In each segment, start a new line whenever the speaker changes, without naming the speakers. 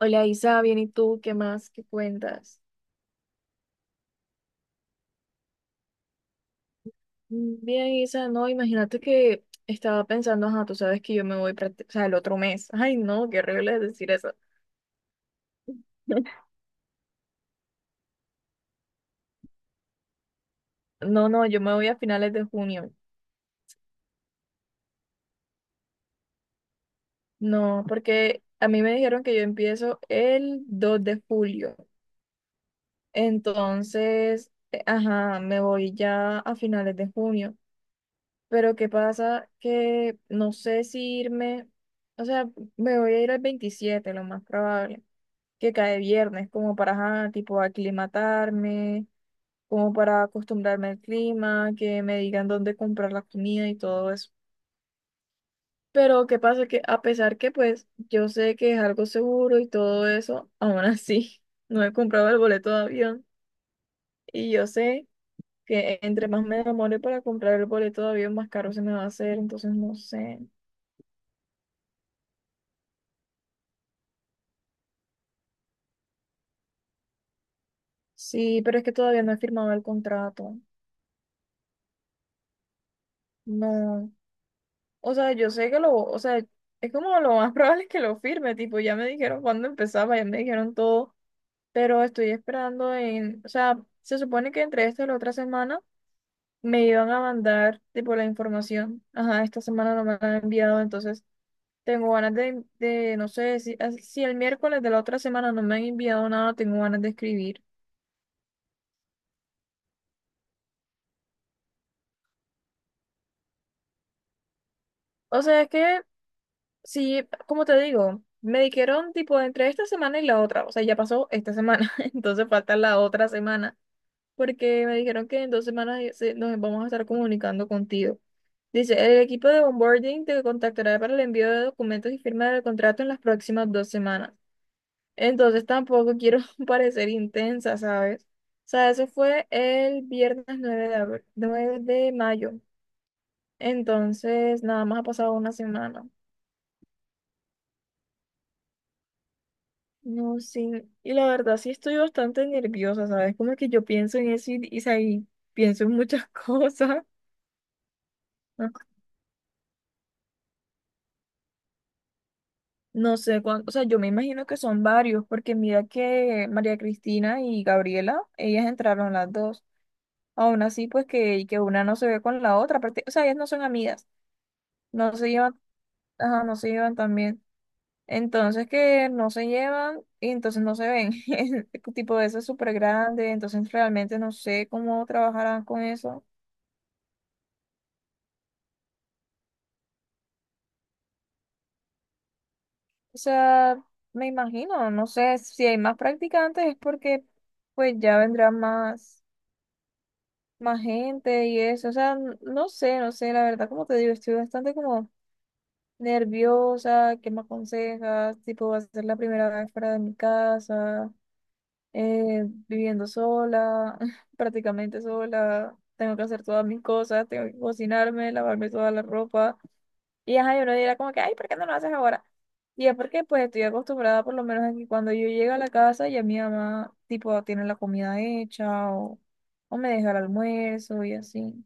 Hola Isa, bien, ¿y tú qué más? ¿Qué cuentas? Bien, Isa, no, imagínate que estaba pensando, ajá, tú sabes que yo me voy, o sea, el otro mes. Ay, no, qué horrible es decir eso. No, no, yo me voy a finales de junio. No, porque a mí me dijeron que yo empiezo el 2 de julio. Entonces, ajá, me voy ya a finales de junio. Pero ¿qué pasa? Que no sé si irme, o sea, me voy a ir el 27 lo más probable. Que cae viernes, como para, ajá, tipo, aclimatarme, como para acostumbrarme al clima, que me digan dónde comprar la comida y todo eso. Pero qué pasa que a pesar que pues yo sé que es algo seguro y todo eso, aún así no he comprado el boleto de avión y yo sé que entre más me demore para comprar el boleto de avión, más caro se me va a hacer, entonces no sé. Sí, pero es que todavía no he firmado el contrato. No. O sea, yo sé que lo, o sea, es como lo más probable es que lo firme, tipo, ya me dijeron cuándo empezaba, ya me dijeron todo, pero estoy esperando en, o sea, se supone que entre esta y la otra semana me iban a mandar, tipo, la información. Ajá, esta semana no me la han enviado, entonces tengo ganas de, no sé, si el miércoles de la otra semana no me han enviado nada, tengo ganas de escribir. O sea, es que, sí, como te digo, me dijeron, tipo, entre esta semana y la otra, o sea, ya pasó esta semana, entonces falta la otra semana. Porque me dijeron que en 2 semanas nos vamos a estar comunicando contigo. Dice, el equipo de onboarding te contactará para el envío de documentos y firma del contrato en las próximas 2 semanas. Entonces tampoco quiero parecer intensa, ¿sabes? O sea, eso fue el viernes 9 de mayo. Entonces, nada más ha pasado una semana. No, sí. Y la verdad sí estoy bastante nerviosa, ¿sabes? Como que yo pienso en eso o sea, pienso en muchas cosas. No sé cuánto, o sea, yo me imagino que son varios, porque mira que María Cristina y Gabriela, ellas entraron las dos. Aún así, pues que una no se ve con la otra, o sea, ellas no son amigas, no se llevan, ajá, no se llevan también. Entonces que no se llevan y entonces no se ven. Es tipo de eso es súper grande, entonces realmente no sé cómo trabajarán con eso. O sea, me imagino, no sé si hay más practicantes es porque pues ya vendrán más. Más gente y eso. O sea, no sé, no sé, la verdad, como te digo, estoy bastante como nerviosa, ¿qué me aconsejas? Tipo, va a ser la primera vez fuera de mi casa, viviendo sola, prácticamente sola. Tengo que hacer todas mis cosas, tengo que cocinarme, lavarme toda la ropa. Y ajá, yo no dirá como que, ay, ¿por qué no lo haces ahora? Y es porque pues estoy acostumbrada por lo menos a que cuando yo llego a la casa ya mi mamá tipo tiene la comida hecha o me deja el almuerzo y así.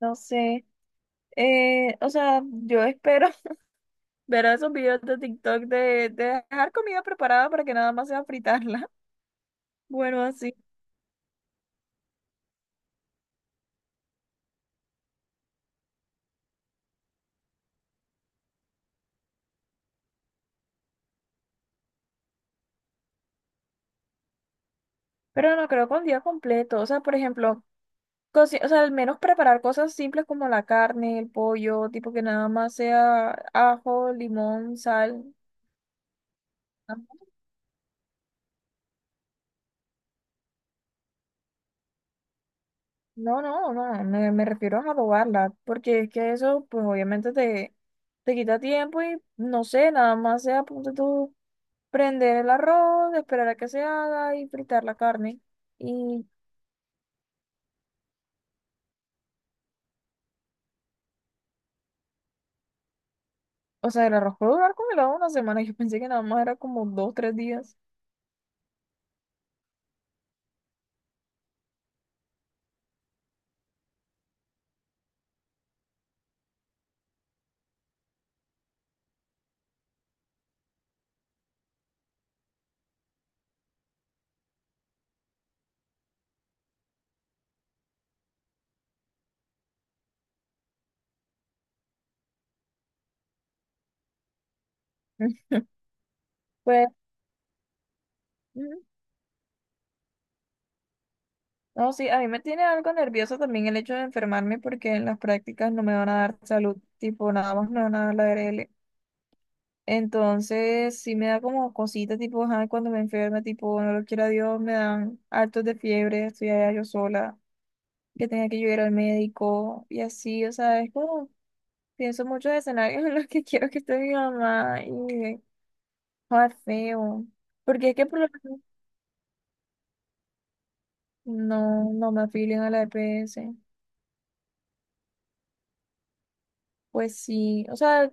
No sé. O sea, yo espero ver esos videos de TikTok de dejar comida preparada para que nada más sea fritarla. Bueno, así. Pero no creo con día completo. O sea, por ejemplo, o sea, al menos preparar cosas simples como la carne, el pollo, tipo que nada más sea ajo, limón, sal. Ajá. No, no, no, me refiero a adobarla, porque es que eso, pues obviamente te quita tiempo y no sé, nada más sea, punto prender el arroz, esperar a que se haga y fritar la carne. Y, o sea, el arroz puede durar congelado una semana. Yo pensé que nada más era como 2, 3 días. Pues, ujú. No, sí, a mí me tiene algo nervioso también el hecho de enfermarme porque en las prácticas no me van a dar salud, tipo, nada más me van a dar la ARL. Entonces, sí me da como cositas, tipo, ajá, cuando me enferme, tipo, no lo quiera Dios, me dan hartos de fiebre, estoy allá yo sola, que tenga que yo ir al médico y así, o sea, es como pienso muchos escenarios en los que quiero que esté mi mamá y joder, feo. Porque es que por lo menos no, no me afilian a la EPS. Pues sí, o sea,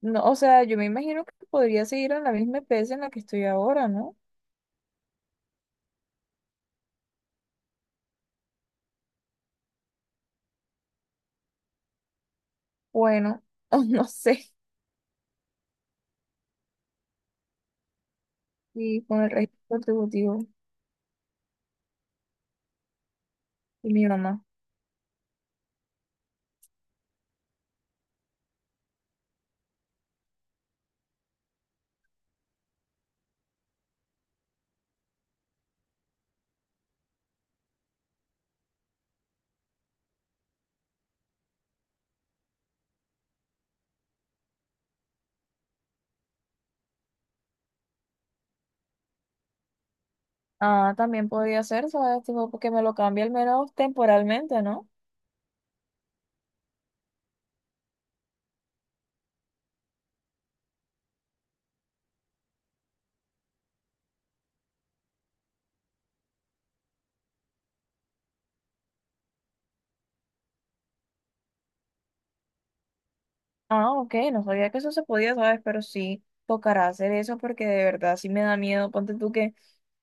no, o sea, yo me imagino que podría seguir en la misma EPS en la que estoy ahora, ¿no? Bueno, o no sé. Y con el registro contributivo y mi mamá. Ah, también podría ser, ¿sabes? Tipo, porque me lo cambia al menos temporalmente, ¿no? Ah, ok, no sabía que eso se podía, ¿sabes? Pero sí tocará hacer eso porque de verdad sí me da miedo. Ponte tú que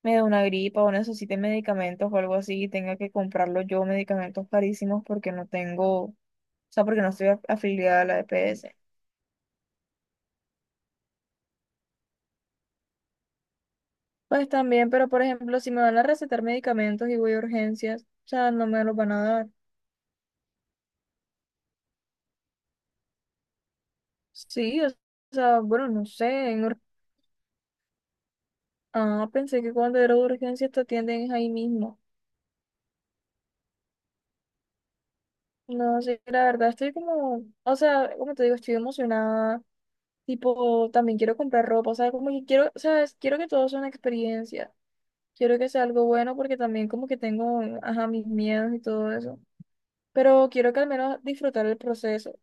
me dé una gripa o necesite medicamentos o algo así y tenga que comprarlo yo, medicamentos carísimos porque no tengo, o sea, porque no estoy afiliada a la EPS. Pues también, pero por ejemplo, si me van a recetar medicamentos y voy a urgencias, o sea, no me los van a dar. Sí, o sea, bueno, no sé. Ah, pensé que cuando era urgencias te atienden ahí mismo. No, sé la verdad estoy como, o sea, como te digo, estoy emocionada, tipo, también quiero comprar ropa, o sea, como que quiero, sabes, quiero que todo sea una experiencia, quiero que sea algo bueno porque también como que tengo, ajá, mis miedos y todo eso, pero quiero que al menos disfrutar el proceso.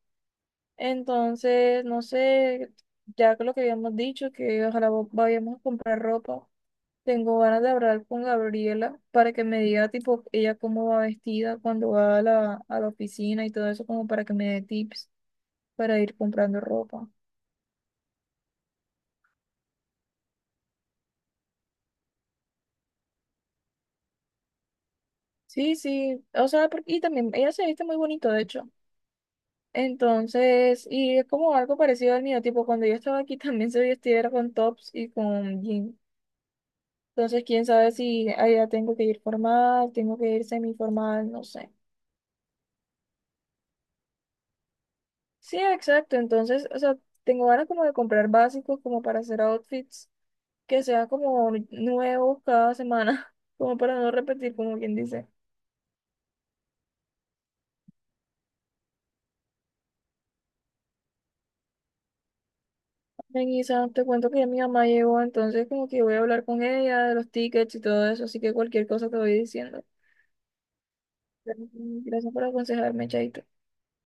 Entonces, no sé, ya que lo que habíamos dicho, que ojalá vayamos a comprar ropa, tengo ganas de hablar con Gabriela para que me diga, tipo, ella cómo va vestida cuando va a la oficina y todo eso, como para que me dé tips para ir comprando ropa. Sí, sí, o sea, y también ella se viste muy bonito, de hecho. Entonces, y es como algo parecido al mío, tipo cuando yo estaba aquí también se vestía era con tops y con jeans. Entonces, quién sabe si allá tengo que ir formal, tengo que ir semiformal, no sé. Sí, exacto. Entonces, o sea, tengo ganas como de comprar básicos como para hacer outfits que sean como nuevos cada semana, como para no repetir, como quien dice. Melissa, te cuento que ya mi mamá llegó, entonces como que voy a hablar con ella de los tickets y todo eso, así que cualquier cosa te voy diciendo. Gracias por aconsejarme, Chaito.